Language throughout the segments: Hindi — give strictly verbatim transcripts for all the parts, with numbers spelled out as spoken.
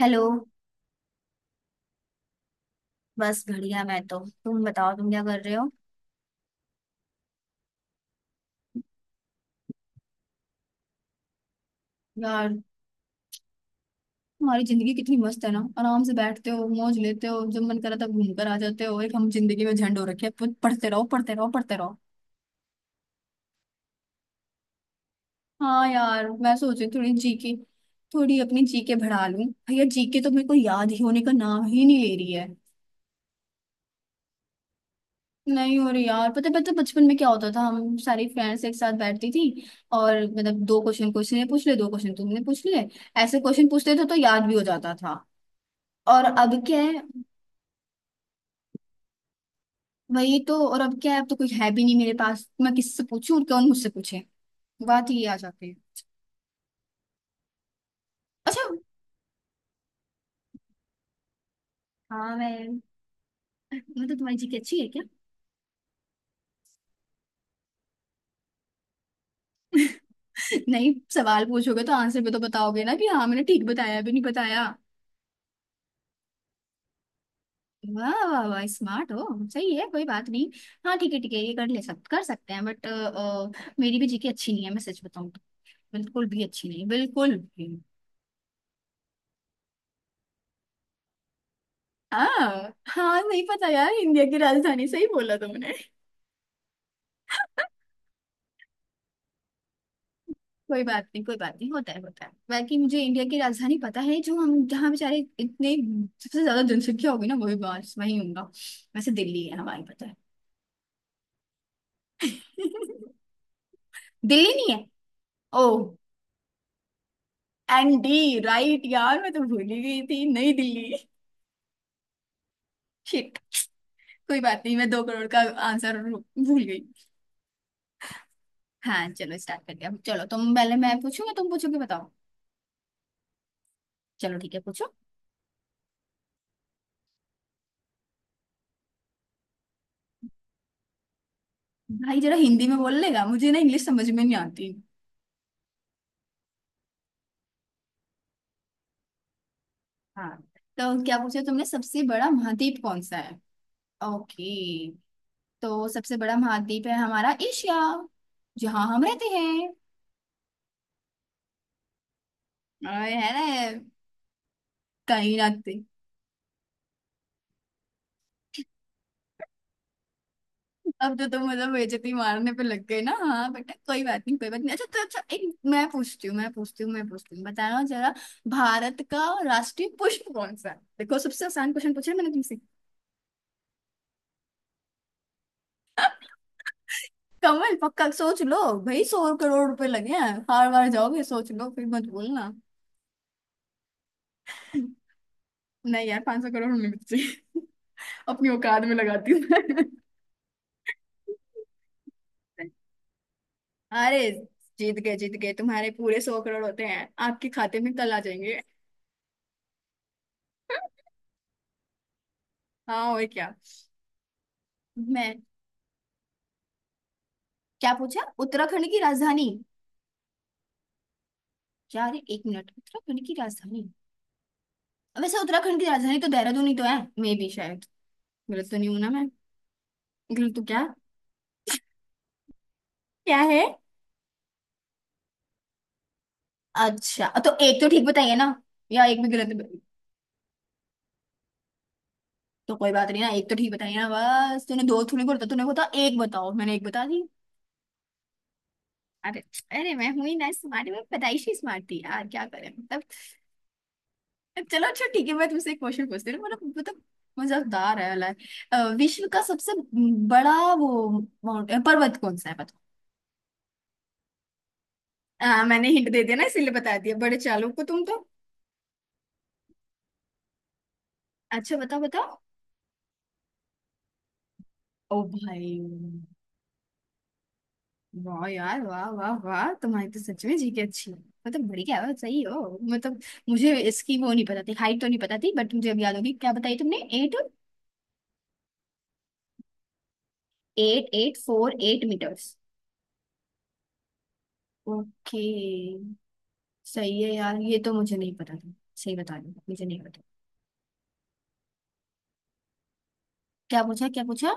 हेलो। बस बढ़िया। मैं तो, तुम बताओ, तुम क्या कर रहे हो? यार, तुम्हारी जिंदगी कितनी मस्त है ना, आराम से बैठते हो, मौज लेते हो, जब मन करा तब घूम कर आ जाते हो। एक हम जिंदगी में झंड हो रखे हैं, प- पढ़ते रहो, पढ़ते रहो, पढ़ते रहो। हाँ यार, मैं सोच रही हूँ थोड़ी जीके, थोड़ी अपनी जीके बढ़ा लूँ भैया, जीके तो मेरे को याद ही होने का नाम ही नहीं ले रही है। नहीं हो रही यार, पता पता बचपन में क्या होता था, हम सारी फ्रेंड्स एक साथ बैठती थी। और मतलब दो क्वेश्चन क्वेश्चन ने पूछ ले, दो क्वेश्चन तुमने पूछ ले, ऐसे क्वेश्चन पूछते थे तो याद भी हो जाता था। और अब क्या है? वही तो। और अब क्या है, अब तो कोई है भी नहीं मेरे पास, मैं किससे पूछूं और कौन मुझसे पूछे? बात ही आ जाती है। अच्छा। हाँ मैं। मतलब तुम्हारी जीके अच्छी है क्या? नहीं, सवाल पूछोगे तो आंसर भी तो बताओगे ना कि हाँ मैंने ठीक बताया भी नहीं बताया। वाह वाह वाह, स्मार्ट हो। सही है, कोई बात नहीं। हाँ ठीक है, ठीक है, ये कर ले, सब कर सकते हैं बट मेरी भी जीके अच्छी नहीं है, मैं सच बताऊं तो। बिल्कुल भी अच्छी नहीं, बिल्कुल भी। हाँ हाँ, नहीं पता यार इंडिया की राजधानी, सही बोला तुमने। कोई बात नहीं, कोई बात नहीं, होता है होता है। बाकी मुझे इंडिया की राजधानी पता है, जो हम जहाँ बेचारे इतने सबसे ज्यादा जनसंख्या होगी ना, वही बस वही होगा। वैसे दिल्ली है हमारी, पता है। दिल्ली नहीं है? ओ। एनडी राइट यार, मैं तो भूल ही गई थी, नई दिल्ली। शिट। कोई बात नहीं, मैं दो करोड़ का आंसर भूल गई। हाँ चलो स्टार्ट करते हैं, चलो तुम पहले, मैं पूछूंगा तुम पूछोगे, बताओ। चलो ठीक है, पूछो। भाई जरा हिंदी में बोल लेगा, मुझे ना इंग्लिश समझ में नहीं आती। हाँ, तो क्या पूछा तुमने, सबसे बड़ा महाद्वीप कौन सा है? ओके। तो सबसे बड़ा महाद्वीप है हमारा एशिया, जहाँ हम रहते हैं, और है ना, कहीं ना कहीं। अब तो तुम मतलब बेइज्जती मारने पे लग गए ना। हाँ बेटा, कोई बात नहीं, कोई बात नहीं। अच्छा तो अच्छा, एक मैं पूछती हूँ, मैं पूछती हूँ, मैं पूछती हूँ, बताना जरा। भारत का राष्ट्रीय पुष्प कौन सा है? देखो सबसे आसान क्वेश्चन पूछा है मैंने तुमसे। कमल पक्का? सोच लो। भाई सौ करोड़ रुपए लगे हैं। हार बार जाओगे, सोच लो, फिर मत बोलना। नहीं यार, पांच सौ करोड़ में बच्चे अपनी औकात में लगाती हूँ मैं। अरे, जीत गए जीत गए, तुम्हारे पूरे सौ करोड़ होते हैं, आपके खाते में कल आ जाएंगे। हाँ और क्या। मैं। क्या पूछा? उत्तराखंड की राजधानी? यार एक मिनट, उत्तराखंड की राजधानी। वैसे उत्तराखंड की राजधानी तो देहरादून ही तो है, मे भी शायद। गलत तो नहीं हूं ना मैं? गलत तो क्या? क्या है? अच्छा तो एक तो ठीक बताइए ना, या एक भी गलत ब- तो कोई बात नहीं ना, एक तो ठीक बताइए ना, बस तूने दो, तूने बोला तूने बोला, एक बताओ, मैंने एक बता दी। अरे अरे, मैं हुई ना स्मार्ट, मैं पैदाइशी स्मार्ट थी यार, क्या करें मतलब। चलो अच्छा ठीक है, मैं तुमसे एक क्वेश्चन पूछती हूँ, मतलब मतलब मजेदार है वाला है। like, अ, विश्व का सबसे बड़ा वो माउंट अ, पर्वत कौन सा है, बताओ? आ, मैंने हिंट दे दिया ना इसीलिए बता दिया, बड़े चालू को तुम तो। अच्छा बताओ बताओ। ओ भाई। वाह यार, वाह वाह वाह, तुम्हारी तो सच में जी की अच्छी है। मतलब बढ़िया हो, सही हो मतलब। मुझे इसकी वो नहीं पता थी, हाइट तो नहीं पता थी, बट मुझे अब याद होगी। क्या बताई तुमने? Eight eight eight four eight metres. Okay. सही है यार, ये तो मुझे नहीं पता था, सही बता रही हूँ, मुझे नहीं पता। क्या पूछा, क्या पूछा?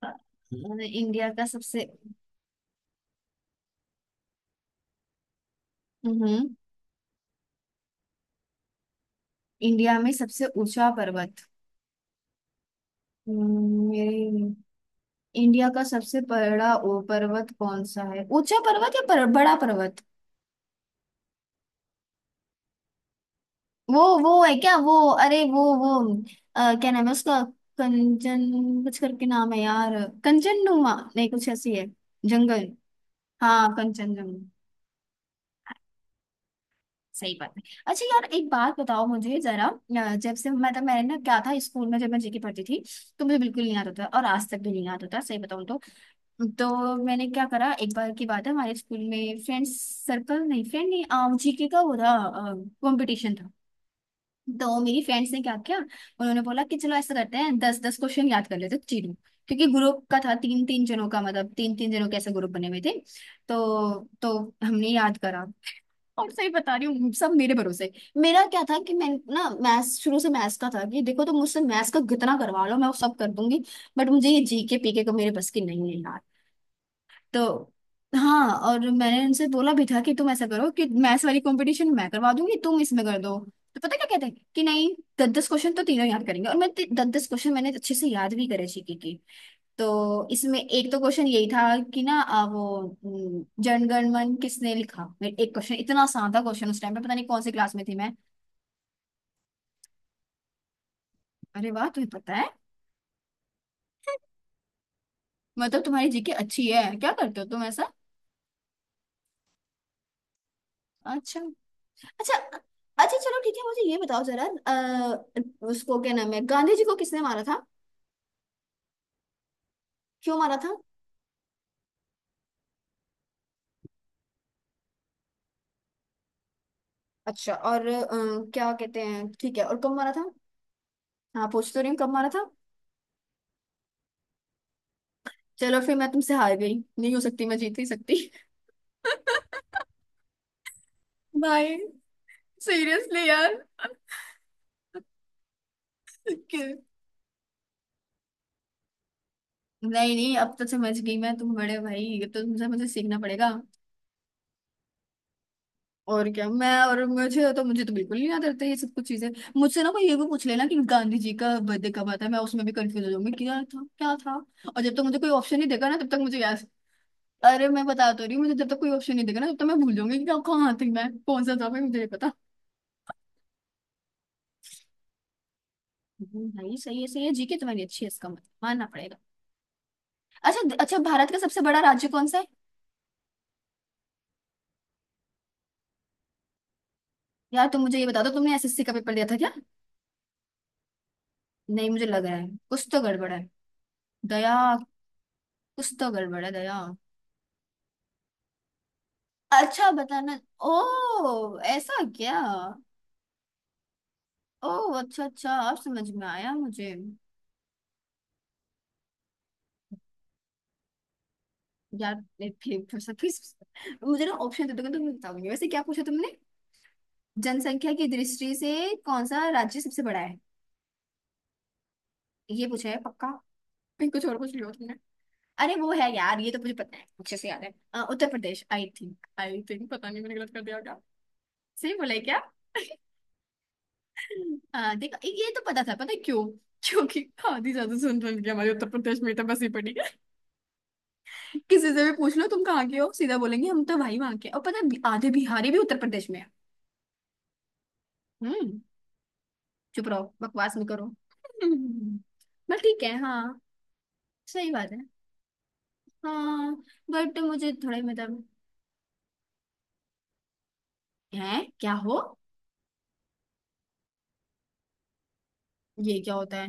अ, इंडिया का सबसे, हम्म इंडिया में सबसे ऊंचा पर्वत, हम्म, मेरे, इंडिया का सबसे बड़ा, ओ, पर्वत कौन सा है, ऊंचा पर्वत या पर, बड़ा पर्वत? वो वो है क्या, वो। अरे वो वो अ, क्या नाम है उसका? कंचन, कुछ करके नाम है यार। कंचननुमा नहीं, कुछ ऐसी है। जंगल? हाँ, कंचनजंगा। सही बात है। अच्छा यार, एक बात बताओ मुझे जरा, अ, जब से मतलब मैंने ना क्या था, स्कूल में जब मैं जीके पढ़ती थी, तो मुझे बिल्कुल नहीं आता था, और आज तक भी नहीं आता था, सही बताऊं तो। तो मैंने क्या करा, एक बार की बात है, हमारे स्कूल में फ्रेंड्स, सर्कल नहीं, फ्रेंड नहीं, जीके का वो था, कंपटीशन था। तो मेरी फ्रेंड्स ने क्या किया, उन्होंने बोला कि चलो ऐसा करते हैं, दस दस क्वेश्चन याद कर लेते हैं तीनों। क्योंकि ग्रुप का था, तीन तीन जनों का, मतलब तीन तीन जनों के ऐसे ग्रुप बने हुए थे। तो तो हमने याद करा। और सही बता रही हूँ, सब मेरे भरोसे। मेरा क्या था कि मैं ना मैथ्स, शुरू से मैथ्स का था कि देखो, तो मुझसे मैथ्स का कितना करवा लो, मैं वो सब कर दूंगी। बट मुझे ये जीके पीके का मेरे बस की नहीं है यार। तो हाँ, और मैंने उनसे बोला भी था कि तुम ऐसा करो कि मैथ्स वाली कंपटीशन मैं करवा दूंगी, तुम इसमें कर दो। तो पता क्या कहते हैं, कि नहीं, दस दस क्वेश्चन तो तीनों याद करेंगे, और मैं, दस दस क्वेश्चन मैंने अच्छे से याद भी करे, जीके की। तो इसमें एक तो क्वेश्चन यही था कि ना, आ, वो हम्म, जनगणमन किसने लिखा, मेरे एक क्वेश्चन, इतना आसान था क्वेश्चन, उस टाइम पे पता नहीं कौन सी क्लास में थी मैं। अरे वाह, तुम्हें पता है? मतलब तुम्हारी जीके अच्छी है, क्या करते हो तुम ऐसा? अच्छा अच्छा अच्छा। चलो ठीक है, मुझे ये बताओ जरा, अ, उसको क्या नाम है, गांधी जी को किसने मारा था? क्यों मारा था? अच्छा और अ, क्या कहते हैं, ठीक है, और कब मारा था? हाँ, पूछ तो रही हूँ, कब मारा था? चलो फिर, मैं तुमसे हार गई, नहीं हो सकती, मैं जीत नहीं सकती। भाई, सीरियसली यार। कि- नहीं नहीं, अब तो समझ गई मैं, तुम बड़े भाई, ये तो तुमसे मुझे सीखना पड़ेगा। और क्या, मैं, और मुझे तो मुझे तो बिल्कुल नहीं याद रहता ये सब कुछ चीजें। मुझसे ना कोई ये भी पूछ लेना कि गांधी जी का बर्थडे कब आता है, मैं उसमें भी कंफ्यूज हो जाऊंगी, क्या था क्या था। और जब तक मुझे कोई ऑप्शन नहीं देगा ना, तब तक मुझे याद। अरे, मैं बता तो रही हूँ, मुझे जब तक कोई ऑप्शन नहीं देगा ना, तब तक मैं भूल जाऊंगी कि कहाँ थी मैं, कौन सा था भाई, मुझे नहीं पता। हम्म, भाई सही है, सही है, जीके तुम्हारी अच्छी है, इसका मतलब मानना पड़ेगा। अच्छा अच्छा, भारत का सबसे बड़ा राज्य कौन सा है? यार तुम मुझे ये बता दो, तुमने एस एस सी का पेपर दिया था क्या? नहीं, मुझे लग रहा है कुछ तो गड़बड़ है दया। कुछ तो गड़बड़ है दया। अच्छा बताना। ओ ऐसा क्या? ओ। अच्छा अच्छा, अब समझ में आया मुझे। यार ये फिर थोड़ा सा please, मुझे ना ऑप्शन दे दोगे तो मैं बताऊंगी, वैसे क्या पूछा तुमने? जनसंख्या की दृष्टि से कौन सा राज्य सबसे बड़ा है? ये पूछा है पक्का? फिर कुछ और पूछ लिया तुमने? अरे वो है यार, ये तो मुझे पता है, अच्छे से याद है, अ, Uttar Pradesh, I think I think, पता नहीं मैंने गलत कर दिया क्या? सही बोला है क्या? आ, देखो, ये तो पता था, पता है क्यों? क्योंकि आधी ज्यादा सुन रही हमारे उत्तर प्रदेश में तो बसी पड़ी। किसी से भी पूछ लो, तुम कहाँ के हो, सीधा बोलेंगे हम तो भाई वहां के हैं। और पता है, बि- आधे बिहारी भी उत्तर प्रदेश में है। हम्म। चुप रहो, बकवास नहीं करो। हम्म, बट ठीक है हाँ। सही बात है, हाँ। बट मुझे थोड़े मतलब, है क्या हो? ये क्या होता है?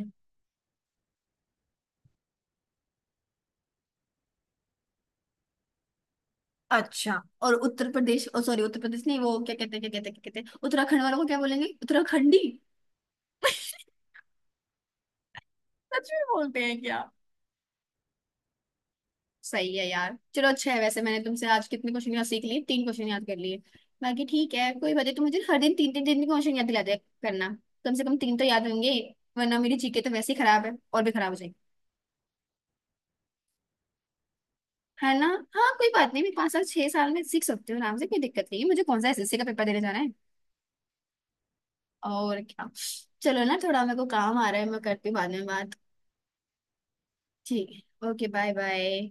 अच्छा और उत्तर प्रदेश, ओ सॉरी, उत्तर प्रदेश नहीं, वो क्या कहते हैं, क्या कहते हैं, क्या कहते हैं, उत्तराखंड वालों को क्या बोलेंगे, उत्तराखंडी? सच में बोलते हैं क्या? सही है यार, चलो अच्छा है। वैसे मैंने तुमसे आज कितने क्वेश्चन याद सीख लिए? तीन क्वेश्चन याद कर लिए। बाकी ठीक है, कोई बात नहीं, तो मुझे हर दिन तीन तीन तीन क्वेश्चन याद दिला दिया करना। कम से कम तीन तो याद होंगे। वरना मेरी जीके तो वैसे ही खराब है, और भी खराब हो जाएगी। है ना? हाँ, कोई बात नहीं, मैं पाँच साल छह साल में सीख सकती हूँ आराम से, कोई दिक्कत नहीं है मुझे, कौन सा एस एस सी का पेपर देने जाना है। और क्या। चलो ना, थोड़ा मेरे को काम आ रहा है, मैं करती हूँ बाद में बात। ठीक है, ओके, बाय बाय।